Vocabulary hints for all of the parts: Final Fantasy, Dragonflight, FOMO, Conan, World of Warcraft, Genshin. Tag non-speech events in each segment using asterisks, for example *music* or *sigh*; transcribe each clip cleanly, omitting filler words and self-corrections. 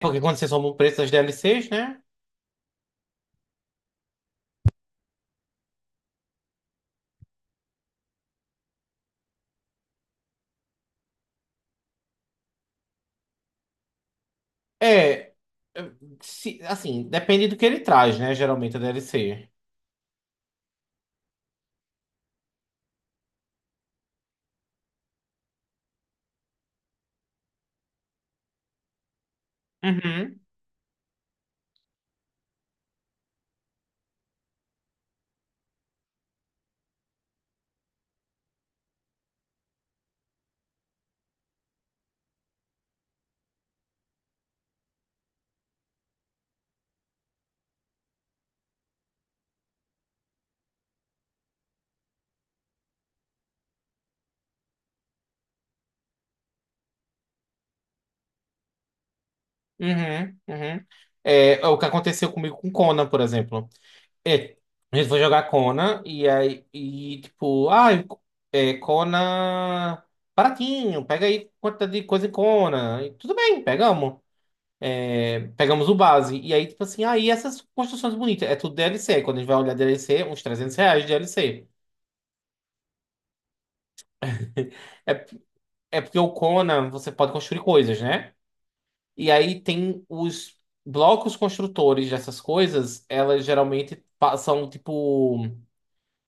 Porque quando vocês somam o preço das DLCs, né? É. Assim, depende do que ele traz, né? Geralmente a DLC. Uhum, uhum, uhum. É, o que aconteceu comigo com Conan, por exemplo. É, a gente foi jogar Conan e aí, e, tipo, ah, é, Conan baratinho, pega aí quantidade de coisa em Conan. E tudo bem, pegamos. É, pegamos o base. E aí, tipo assim, aí essas construções bonitas, é tudo DLC. Quando a gente vai olhar DLC, uns 300 reais de DLC. *laughs* É porque o Conan, você pode construir coisas, né? E aí tem os blocos construtores dessas coisas, elas geralmente são tipo.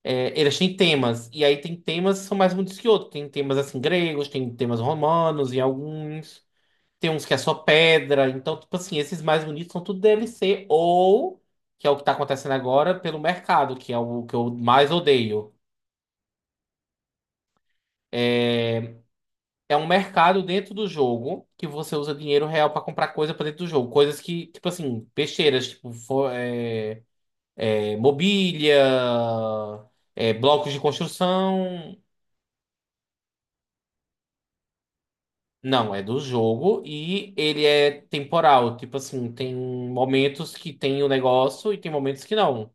É, eles têm temas. E aí tem temas que são mais bonitos que outros. Tem temas assim gregos, tem temas romanos em alguns. Tem uns que é só pedra. Então, tipo assim, esses mais bonitos são tudo DLC. Ou, que é o que tá acontecendo agora, pelo mercado, que é o que eu mais odeio. É, um mercado dentro do jogo que você usa dinheiro real pra comprar coisa pra dentro do jogo. Coisas que, tipo assim, besteiras, tipo mobília, blocos de construção. Não, é do jogo e ele é temporal. Tipo assim, tem momentos que tem o negócio e tem momentos que não.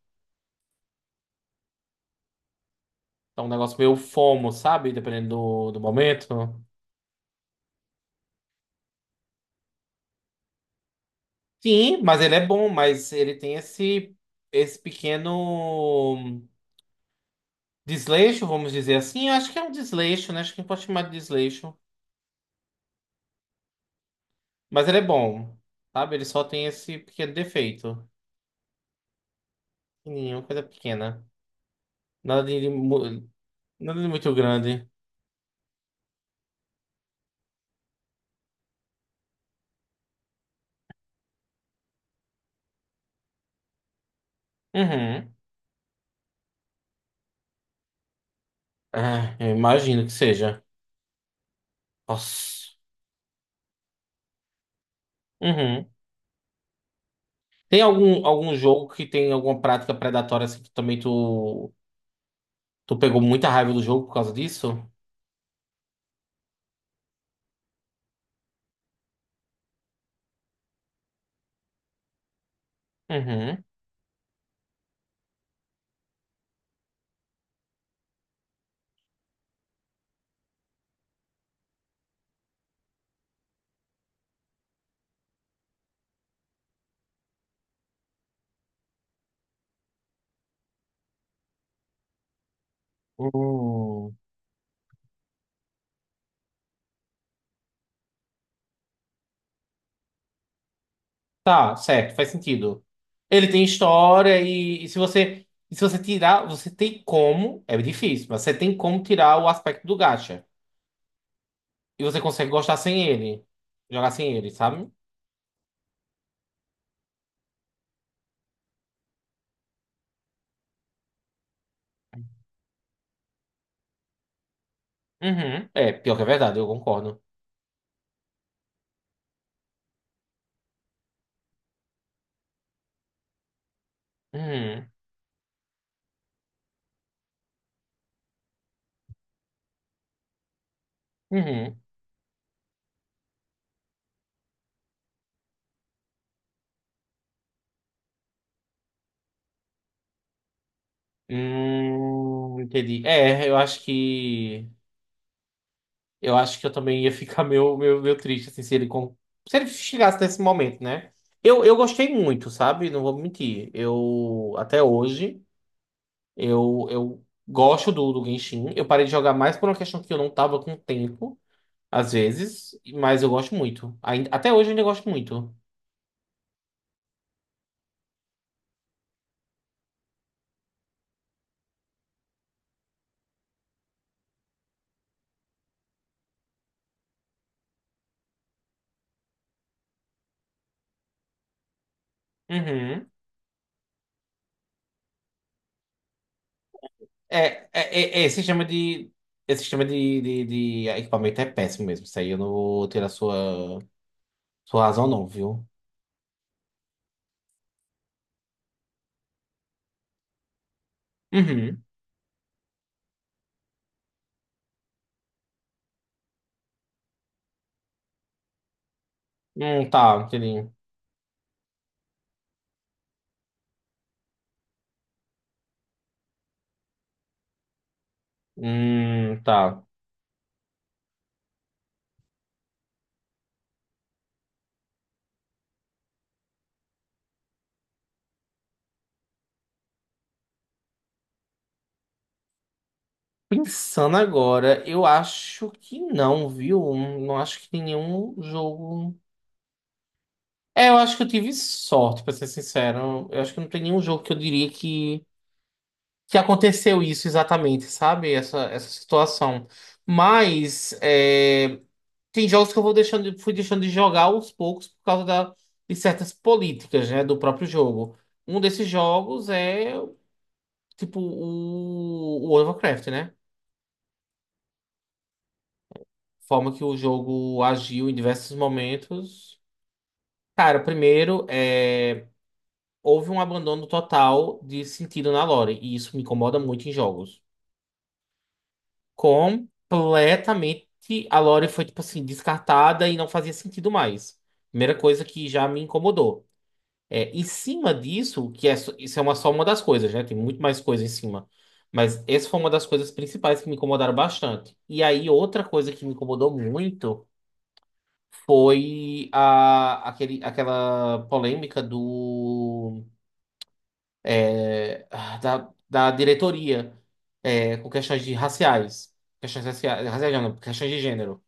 É um negócio meio FOMO, sabe? Dependendo do momento. Sim, mas ele é bom, mas ele tem esse pequeno. Desleixo, vamos dizer assim. Acho que é um desleixo, né? Acho que a gente pode chamar de desleixo. Mas ele é bom, sabe? Ele só tem esse pequeno defeito. Pequenininho, coisa pequena. Nada de, de mu- nada de muito grande. Uhum. Ah, eu imagino que seja. Nossa. Uhum. Tem algum jogo que tem alguma prática predatória assim que também tu, pegou muita raiva do jogo por causa disso? Uhum. Hum. Tá, certo, faz sentido. Ele tem história e se você tirar, você tem como, é difícil, mas você tem como tirar o aspecto do gacha. E você consegue gostar sem ele, jogar sem ele, sabe? Uhum. É, pior que é verdade, eu concordo. Uhum. Uhum. Entendi. É, eu acho que eu também ia ficar *laughs* meio triste assim, se ele chegasse nesse momento, né? Eu gostei muito, sabe? Não vou mentir. Eu gosto do Genshin. Eu parei de jogar mais por uma questão que eu não tava com tempo, às vezes, mas eu gosto muito. Ainda, até hoje eu ainda gosto muito. Uhum. É, é, é, esse sistema de. Esse sistema de equipamento é péssimo mesmo. Isso aí eu não vou ter a sua razão, não, viu? Uhum. Tá, entendi. Tá. Pensando agora, eu acho que não, viu? Não acho que tem nenhum jogo. É, eu acho que eu tive sorte, pra ser sincero. Eu acho que não tem nenhum jogo que eu diria que aconteceu isso exatamente, sabe? Essa situação. Mas tem jogos que eu vou deixando, fui deixando de jogar aos poucos por causa de certas políticas, né, do próprio jogo. Um desses jogos é, tipo, o World of Warcraft, né? Forma que o jogo agiu em diversos momentos. Cara, primeiro, houve um abandono total de sentido na lore, e isso me incomoda muito em jogos. Completamente a lore foi, tipo assim, descartada e não fazia sentido mais. Primeira coisa que já me incomodou. É, em cima disso, que é, isso é uma, só uma das coisas, né? Tem muito mais coisa em cima. Mas essa foi uma das coisas principais que me incomodaram bastante. E aí, outra coisa que me incomodou muito foi aquela polêmica do da diretoria, com questões de raciais. Questões raciais, raciais não, não, questões de gênero.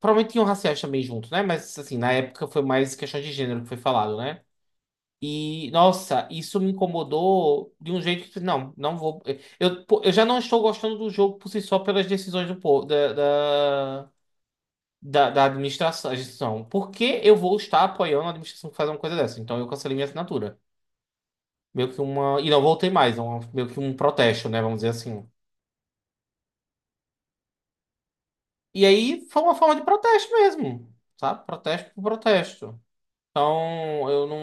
Provavelmente tinham raciais também junto, né? Mas, assim, na época foi mais questões de gênero que foi falado, né? E, nossa, isso me incomodou de um jeito que, não, não vou. Eu, pô, eu já não estou gostando do jogo por si só pelas decisões do povo, da administração. A Por que eu vou estar apoiando a administração que faz uma coisa dessa? Então eu cancelei minha assinatura. Meio que uma. E não voltei mais, meio que um protesto, né? Vamos dizer assim. E aí foi uma forma de protesto mesmo, sabe? Protesto por protesto. Então eu não.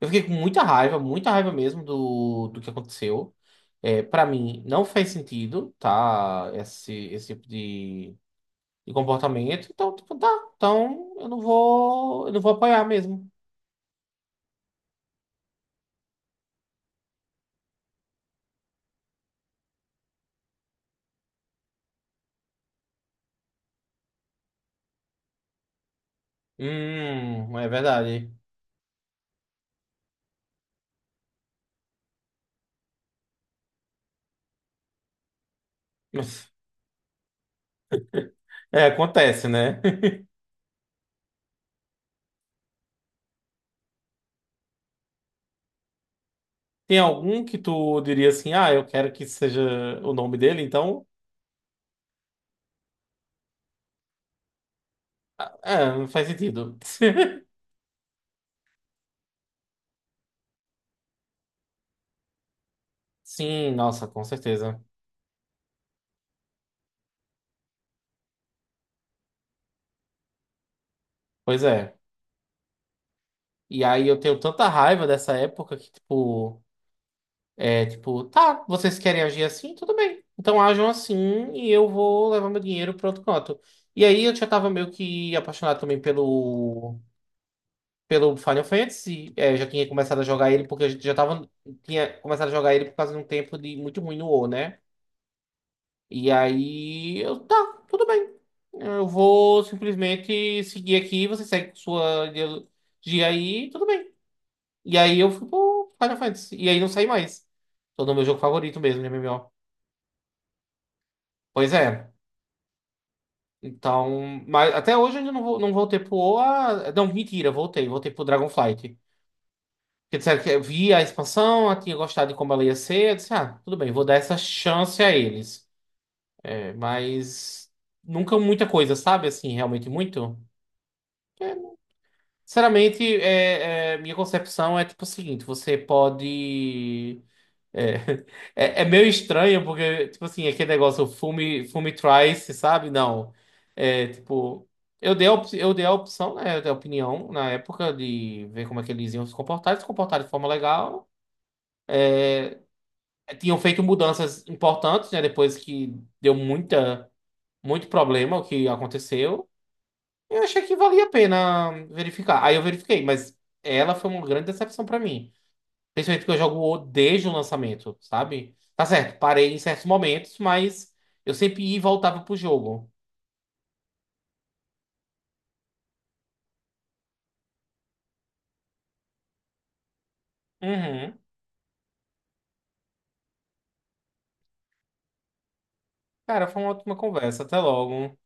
Eu fiquei com muita raiva mesmo do que aconteceu. É, para mim, não faz sentido, tá? Esse tipo de comportamento. Então, tipo, tá. Então eu não vou. Eu não vou apoiar mesmo. É verdade. *laughs* É, acontece, né? *laughs* Tem algum que tu diria assim, ah, eu quero que seja o nome dele, então, faz sentido. *laughs* Sim, nossa, com certeza. Pois é. E aí eu tenho tanta raiva dessa época que, tipo, é tipo, tá, vocês querem agir assim? Tudo bem. Então ajam assim e eu vou levar meu dinheiro para outro canto. E aí eu já tava meio que apaixonado também pelo Final Fantasy. É, já tinha começado a jogar ele porque a gente tinha começado a jogar ele por causa de um tempo de muito ruim no WoW, né? E aí eu, tá, tudo bem. Eu vou simplesmente seguir aqui, você segue com sua ideologia aí, tudo bem. E aí eu fui pro Final Fantasy. E aí não saí mais. Todo meu jogo favorito mesmo, de MMO. Pois é. Então, mas até hoje eu ainda não voltei pro OA. Não, mentira, voltei. Voltei pro Dragonflight. Porque disseram que eu vi a expansão, eu tinha gostado de como ela ia ser. Eu disse, ah, tudo bem, vou dar essa chance a eles. É, mas nunca muita coisa, sabe? Assim, realmente muito. É, Sinceramente, minha concepção é tipo o seguinte: você pode. É, *laughs* meio estranho, porque, tipo assim, aquele negócio, fume, fume twice, sabe? Não. É, tipo, eu dei a opção, né? Eu dei a opinião na época de ver como é que eles iam se comportar, eles se comportaram de forma legal. Tinham feito mudanças importantes, né? Depois que deu muita, muito problema o que aconteceu. Eu achei que valia a pena verificar. Aí eu verifiquei, mas ela foi uma grande decepção pra mim. Principalmente porque eu jogo desde o lançamento, sabe? Tá certo, parei em certos momentos, mas eu sempre ia e voltava pro jogo. Uhum. Cara, foi uma ótima conversa. Até logo.